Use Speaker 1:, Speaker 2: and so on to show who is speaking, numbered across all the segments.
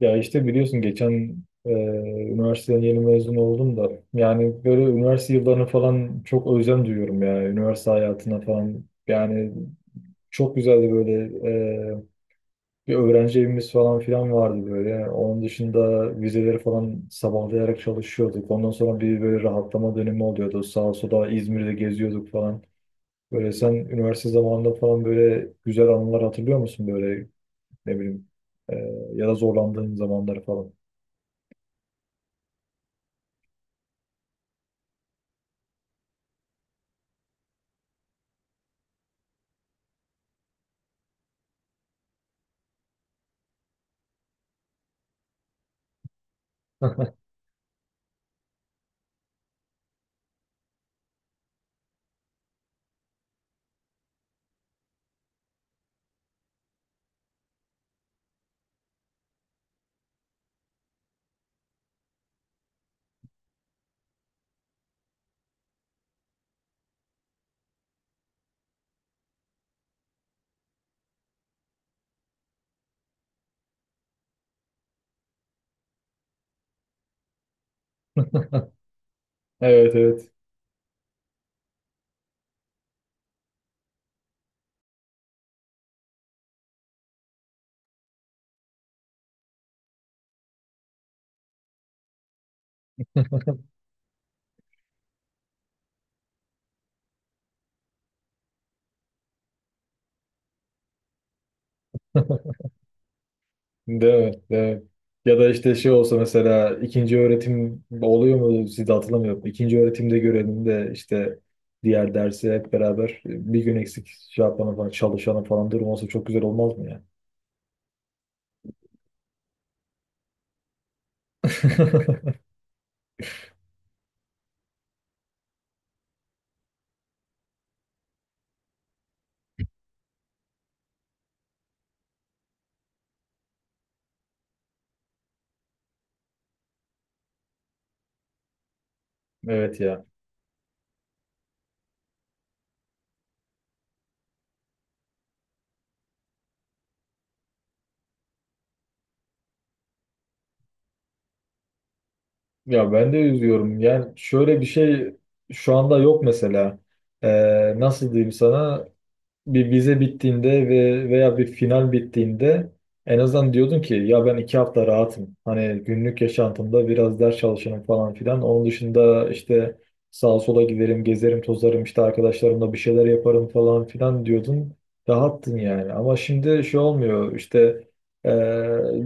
Speaker 1: Ya işte biliyorsun geçen üniversiteden yeni mezun oldum da, yani böyle üniversite yıllarını falan çok özlem duyuyorum ya, üniversite hayatına falan. Yani çok güzeldi böyle. e, Bir öğrenci evimiz falan filan vardı böyle. Onun dışında vizeleri falan sabahlayarak çalışıyorduk, ondan sonra bir böyle rahatlama dönemi oluyordu, sağa sola İzmir'de geziyorduk falan. Böyle sen üniversite zamanında falan böyle güzel anılar hatırlıyor musun böyle, ne bileyim, e, ya da zorlandığın zamanları falan. Evet, evet. Değil mi? Değil mi? Ya da işte şey olsa, mesela ikinci öğretim oluyor mu sizde, hatırlamıyorum. İkinci öğretimde görelim de işte diğer dersi hep beraber bir gün eksik şey yapalım falan, çalışalım falan, durum olsa çok güzel olmaz mı ya? Evet ya. Ya ben de üzüyorum. Yani şöyle bir şey, şu anda yok mesela. Nasıl diyeyim sana? Bir vize bittiğinde ve veya bir final bittiğinde, en azından diyordun ki ya ben iki hafta rahatım. Hani günlük yaşantımda biraz ders çalışırım falan filan. Onun dışında işte sağa sola giderim, gezerim, tozarım, işte arkadaşlarımla bir şeyler yaparım falan filan diyordun. Rahattın yani. Ama şimdi şey olmuyor işte, e,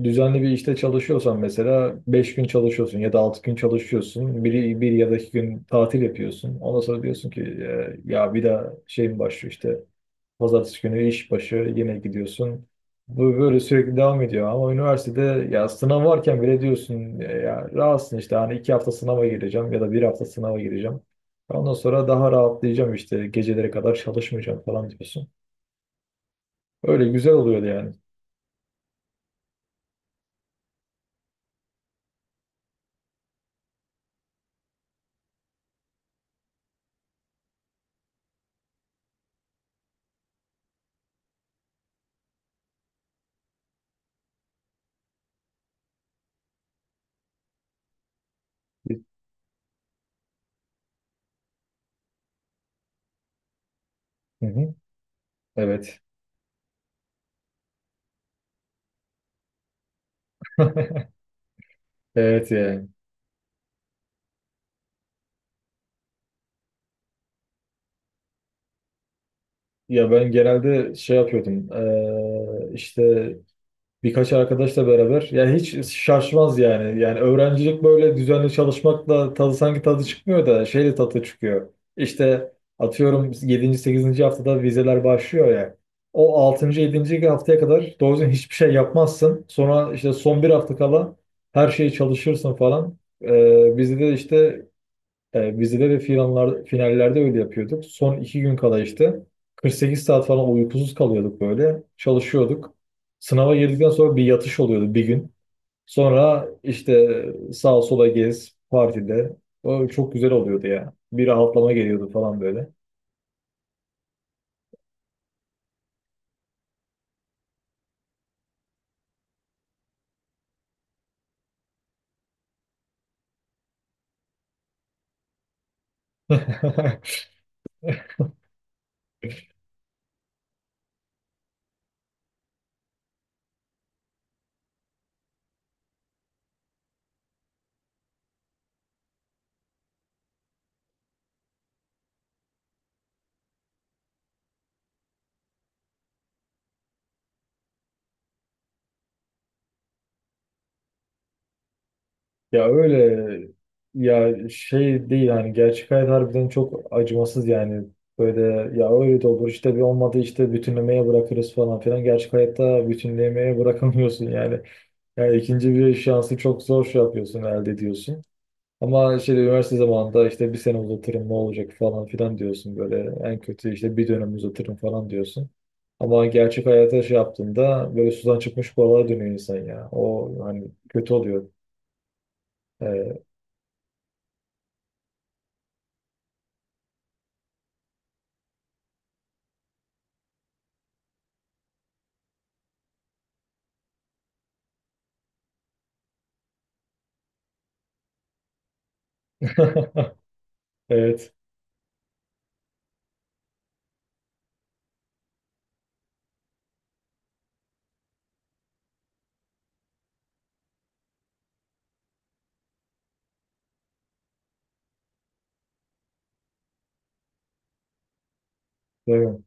Speaker 1: düzenli bir işte çalışıyorsan mesela 5 gün çalışıyorsun ya da 6 gün çalışıyorsun. Bir ya da iki gün tatil yapıyorsun. Ondan sonra diyorsun ki ya bir daha şeyim başlıyor işte, Pazartesi günü iş başı yine gidiyorsun. Bu böyle sürekli devam ediyor. Ama üniversitede ya sınav varken bile diyorsun ya rahatsın işte, hani iki hafta sınava gireceğim ya da bir hafta sınava gireceğim. Ondan sonra daha rahatlayacağım, işte gecelere kadar çalışmayacağım falan diyorsun. Öyle güzel oluyordu yani. Hı hı. Evet. Evet yani. Ya ben genelde şey yapıyordum. İşte birkaç arkadaşla beraber. Yani hiç şaşmaz yani. Yani öğrencilik böyle düzenli çalışmakla tadı sanki çıkmıyor da şeyle tadı çıkıyor. İşte atıyorum yedinci sekizinci haftada vizeler başlıyor ya. O altıncı yedinci haftaya kadar doğru düzgün hiçbir şey yapmazsın. Sonra işte son bir hafta kala her şeyi çalışırsın falan. Bizde de işte e, bizde de finaller, finallerde öyle yapıyorduk. Son iki gün kala işte 48 saat falan uykusuz kalıyorduk böyle. Çalışıyorduk. Sınava girdikten sonra bir yatış oluyordu bir gün. Sonra işte sağa sola gez partide. O çok güzel oluyordu ya. Bir rahatlama geliyordu falan böyle. Ya öyle, ya şey değil, hani gerçek hayat harbiden çok acımasız yani. Böyle ya öyle de olur işte, bir olmadı işte bütünlemeye bırakırız falan filan, gerçek hayatta bütünlemeye bırakamıyorsun yani. Yani ikinci bir şansı çok zor şey yapıyorsun, elde ediyorsun. Ama şey üniversite zamanında işte bir sene uzatırım ne olacak falan filan diyorsun böyle, en kötü işte bir dönem uzatırım falan diyorsun. Ama gerçek hayata şey yaptığında böyle sudan çıkmış balığa dönüyor insan ya. O hani kötü oluyor. Ee, evet. Doğru.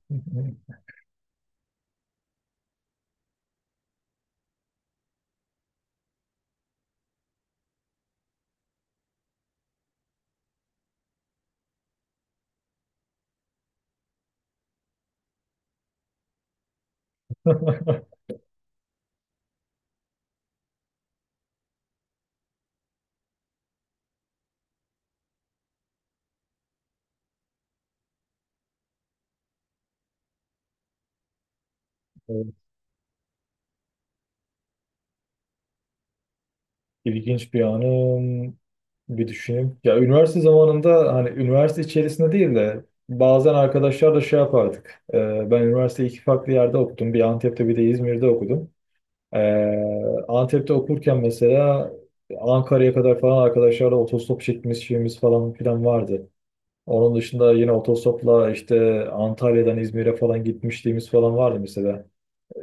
Speaker 1: Evet, İlginç bir anım. Bir düşüneyim. Ya üniversite zamanında hani üniversite içerisinde değil de bazen arkadaşlarla şey yapardık. Ben üniversiteyi iki farklı yerde okudum. Bir Antep'te bir de İzmir'de okudum. Ee, Antep'te okurken mesela Ankara'ya kadar falan arkadaşlarla otostop çekmemiz şeyimiz falan filan vardı. Onun dışında yine otostopla işte Antalya'dan İzmir'e falan gitmişliğimiz falan vardı mesela.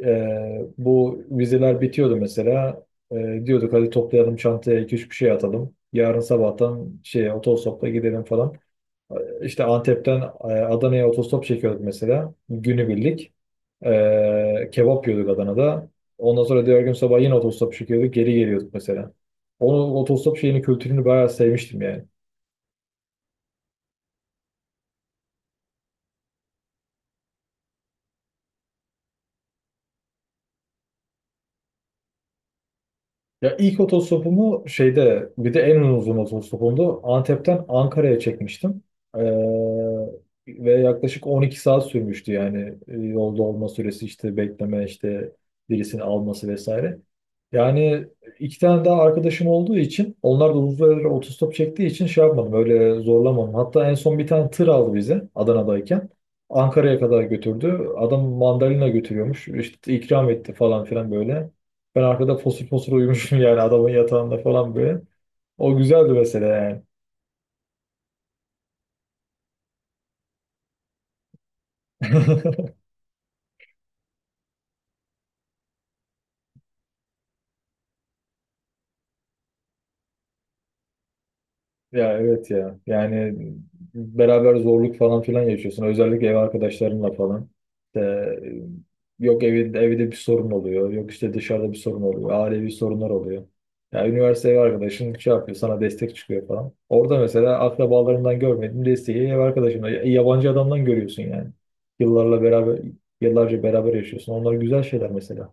Speaker 1: Bu vizeler bitiyordu mesela. Diyorduk hadi toplayalım çantaya iki üç bir şey atalım, yarın sabahtan şey otostopla gidelim falan. İşte Antep'ten Adana'ya otostop çekiyorduk mesela. Günübirlik. Kebap yiyorduk Adana'da. Ondan sonra diğer gün sabah yine otostop çekiyorduk. Geri geliyorduk mesela. Onu otostop şeyini, kültürünü bayağı sevmiştim yani. Ya ilk otostopumu şeyde, bir de en uzun otostopumdu. Antep'ten Ankara'ya çekmiştim. Ee, ve yaklaşık 12 saat sürmüştü yani. Yolda olma süresi, işte bekleme, işte birisini alması vesaire. Yani iki tane daha arkadaşım olduğu için, onlar da uzun süre otostop çektiği için şey yapmadım, öyle zorlamadım. Hatta en son bir tane tır aldı bizi Adana'dayken. Ankara'ya kadar götürdü. Adam mandalina götürüyormuş. İşte ikram etti falan filan böyle. Ben arkada fosur fosur uyumuşum yani, adamın yatağında falan böyle. O güzeldi mesela yani. Ya evet ya. Yani beraber zorluk falan filan yaşıyorsun. Özellikle ev arkadaşlarınla falan. İşte, yok evinde, evde bir sorun oluyor. Yok işte dışarıda bir sorun oluyor. Ailevi sorunlar oluyor. Ya üniversite ev arkadaşın şey yapıyor, sana destek çıkıyor falan. Orada mesela akrabalarından görmediğin desteği ev arkadaşından, yabancı adamdan görüyorsun yani. Yıllarla beraber, yıllarca beraber yaşıyorsun. Onlar güzel şeyler mesela.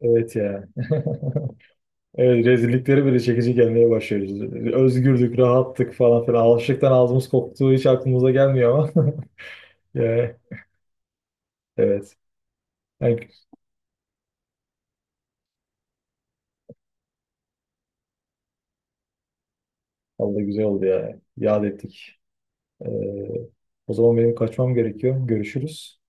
Speaker 1: Evet ya. Evet, rezillikleri bile çekici gelmeye başlıyoruz. Özgürdük, rahattık falan filan. Alışıktan ağzımız koktuğu hiç aklımıza gelmiyor ama. Yani, evet. Yani, vallahi güzel oldu ya. Yad ettik. Ee, o zaman benim kaçmam gerekiyor. Görüşürüz.